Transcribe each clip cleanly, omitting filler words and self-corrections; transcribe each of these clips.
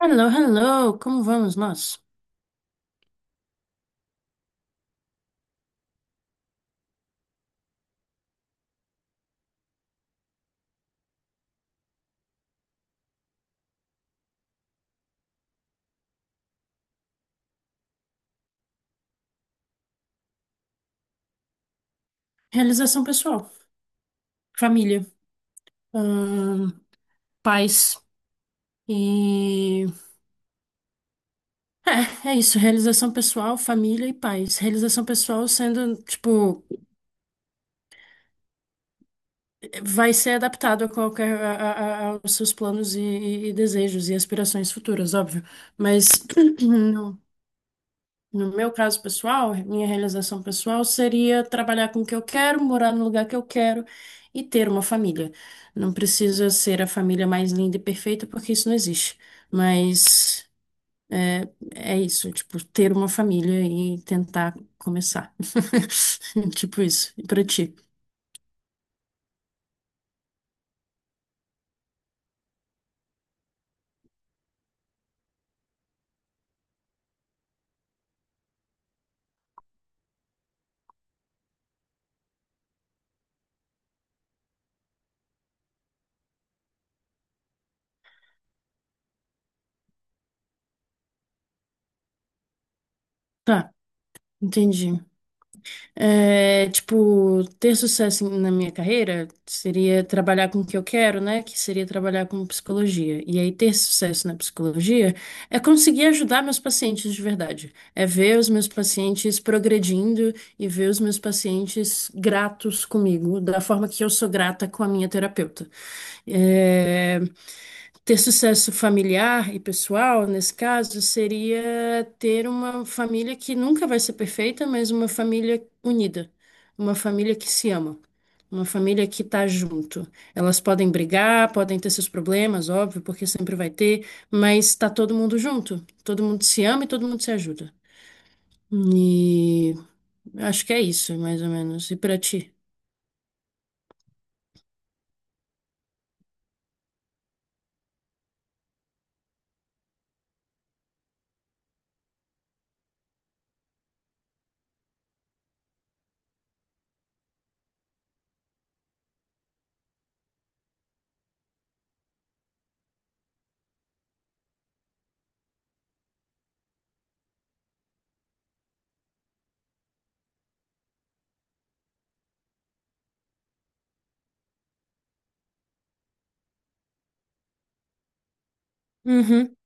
Hello, hello, como vamos nós? Realização pessoal, família, ahn, paz e... É, é isso, realização pessoal, família e paz. Realização pessoal sendo, tipo, vai ser adaptado a qualquer, aos seus planos e desejos e aspirações futuras, óbvio. Mas não. No meu caso pessoal, minha realização pessoal seria trabalhar com o que eu quero, morar no lugar que eu quero e ter uma família. Não precisa ser a família mais linda e perfeita, porque isso não existe. Mas é, é isso, tipo, ter uma família e tentar começar. Tipo isso. E pra ti? Tá, entendi. É, tipo, ter sucesso na minha carreira seria trabalhar com o que eu quero, né? Que seria trabalhar com psicologia. E aí, ter sucesso na psicologia é conseguir ajudar meus pacientes de verdade. É ver os meus pacientes progredindo e ver os meus pacientes gratos comigo, da forma que eu sou grata com a minha terapeuta. É, ter sucesso familiar e pessoal, nesse caso, seria ter uma família que nunca vai ser perfeita, mas uma família unida, uma família que se ama, uma família que tá junto. Elas podem brigar, podem ter seus problemas, óbvio, porque sempre vai ter, mas tá todo mundo junto, todo mundo se ama e todo mundo se ajuda. E acho que é isso, mais ou menos. E pra ti? Uhum,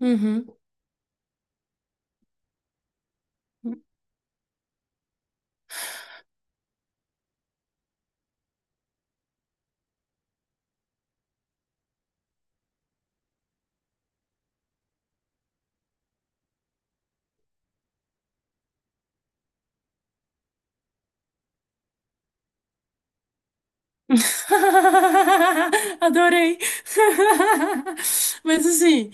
uhum. Adorei. Mas assim,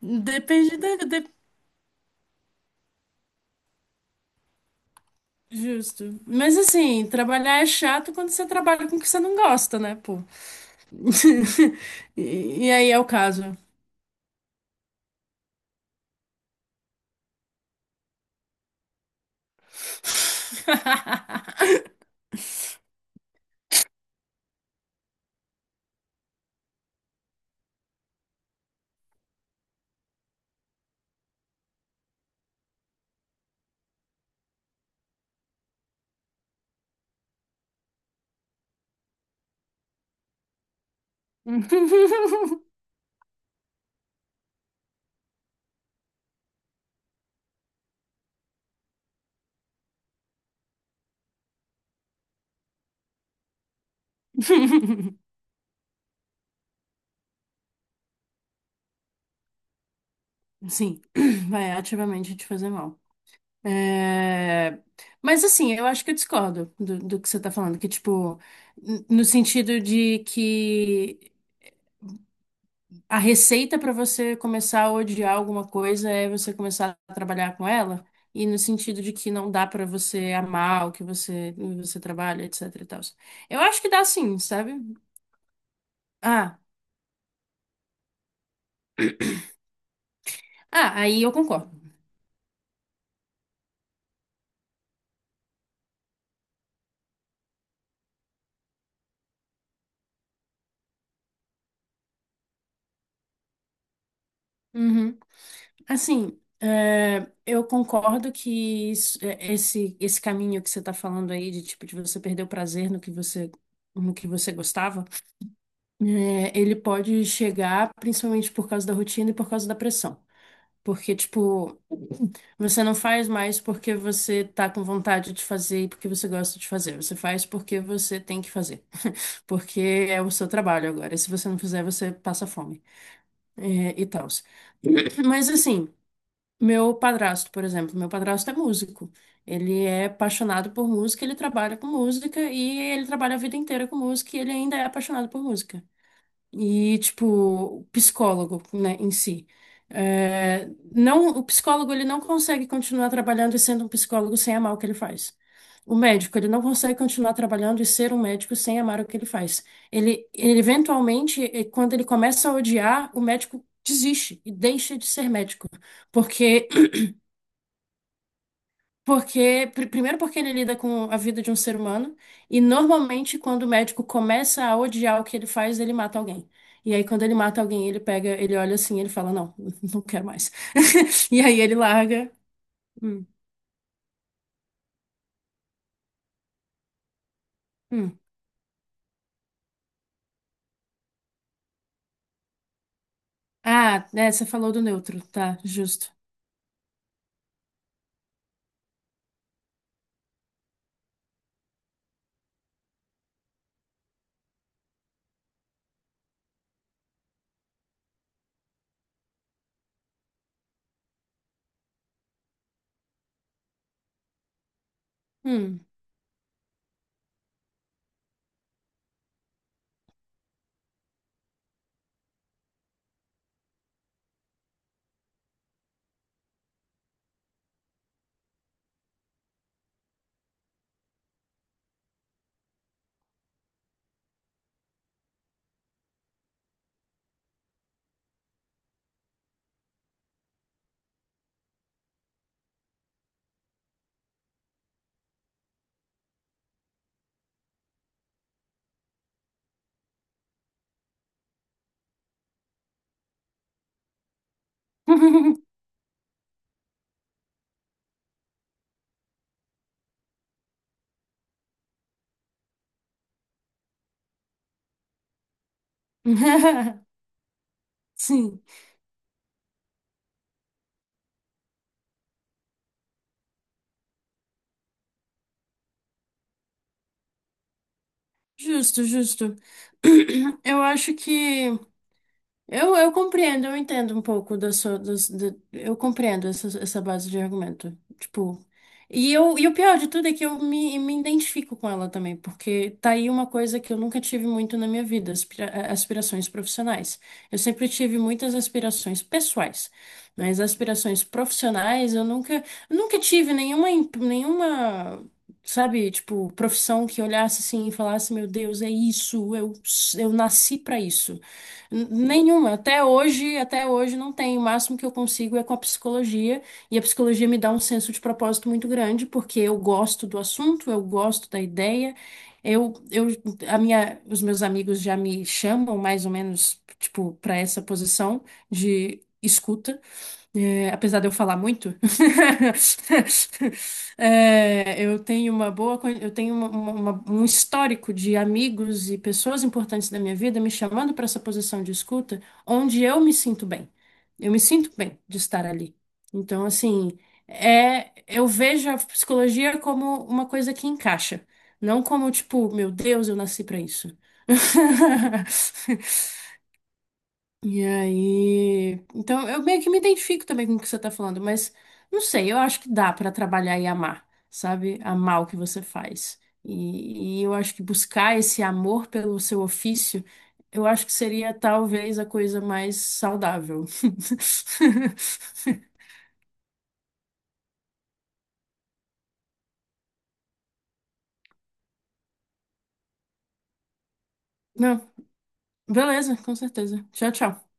depende da. de- Justo. Mas assim, trabalhar é chato quando você trabalha com o que você não gosta, né, pô? E, e aí é o caso. Sim, vai ativamente te fazer mal. É, mas assim, eu acho que eu discordo do que você tá falando, que tipo, no sentido de que a receita para você começar a odiar alguma coisa é você começar a trabalhar com ela, e no sentido de que não dá para você amar o que você trabalha, etc e tal. Eu acho que dá sim, sabe? Ah, ah, aí eu concordo. Uhum. Assim, é, eu concordo que é, esse caminho que você está falando aí, de tipo, de você perder o prazer no que você, no que você gostava, é, ele pode chegar principalmente por causa da rotina e por causa da pressão. Porque, tipo, você não faz mais porque você tá com vontade de fazer e porque você gosta de fazer. Você faz porque você tem que fazer. Porque é o seu trabalho agora. E se você não fizer, você passa fome. É, e tal. Mas assim, meu padrasto, por exemplo, meu padrasto é músico. Ele é apaixonado por música, ele trabalha com música e ele trabalha a vida inteira com música e ele ainda é apaixonado por música e, tipo, o psicólogo, né, em si. É, não, o psicólogo, ele não consegue continuar trabalhando e sendo um psicólogo sem amar o que ele faz. O médico, ele não consegue continuar trabalhando e ser um médico sem amar o que ele faz. Ele eventualmente, quando ele começa a odiar, o médico desiste e deixa de ser médico, porque porque, primeiro porque ele lida com a vida de um ser humano, e normalmente quando o médico começa a odiar o que ele faz, ele mata alguém. E aí quando ele mata alguém, ele pega, ele olha assim, ele fala, não, não quero mais. E aí ele larga. Hum, hum. Ah, é, você falou do neutro, tá, justo. Hum. Sim, justo, justo. Eu acho que. Eu compreendo, eu entendo um pouco da sua, eu compreendo essa, essa base de argumento. Tipo, e eu, e o pior de tudo é que eu me identifico com ela também, porque tá aí uma coisa que eu nunca tive muito na minha vida, aspirações profissionais. Eu sempre tive muitas aspirações pessoais, mas aspirações profissionais eu nunca tive nenhuma, nenhuma. Sabe, tipo, profissão que olhasse assim e falasse, meu Deus, é isso, eu nasci pra isso. Nenhuma. Até hoje não tem. O máximo que eu consigo é com a psicologia, e a psicologia me dá um senso de propósito muito grande, porque eu gosto do assunto, eu gosto da ideia. Eu, eu, a minha, os meus amigos já me chamam mais ou menos, tipo, para essa posição de escuta. É, apesar de eu falar muito, é, eu tenho uma boa, eu tenho um histórico de amigos e pessoas importantes da minha vida me chamando para essa posição de escuta, onde eu me sinto bem. Eu me sinto bem de estar ali. Então, assim, é, eu vejo a psicologia como uma coisa que encaixa, não como tipo, meu Deus, eu nasci para isso. E aí, então eu meio que me identifico também com o que você tá falando, mas não sei, eu acho que dá pra trabalhar e amar, sabe? Amar o que você faz. E eu acho que buscar esse amor pelo seu ofício, eu acho que seria talvez a coisa mais saudável. Não, beleza, com certeza. Tchau, tchau.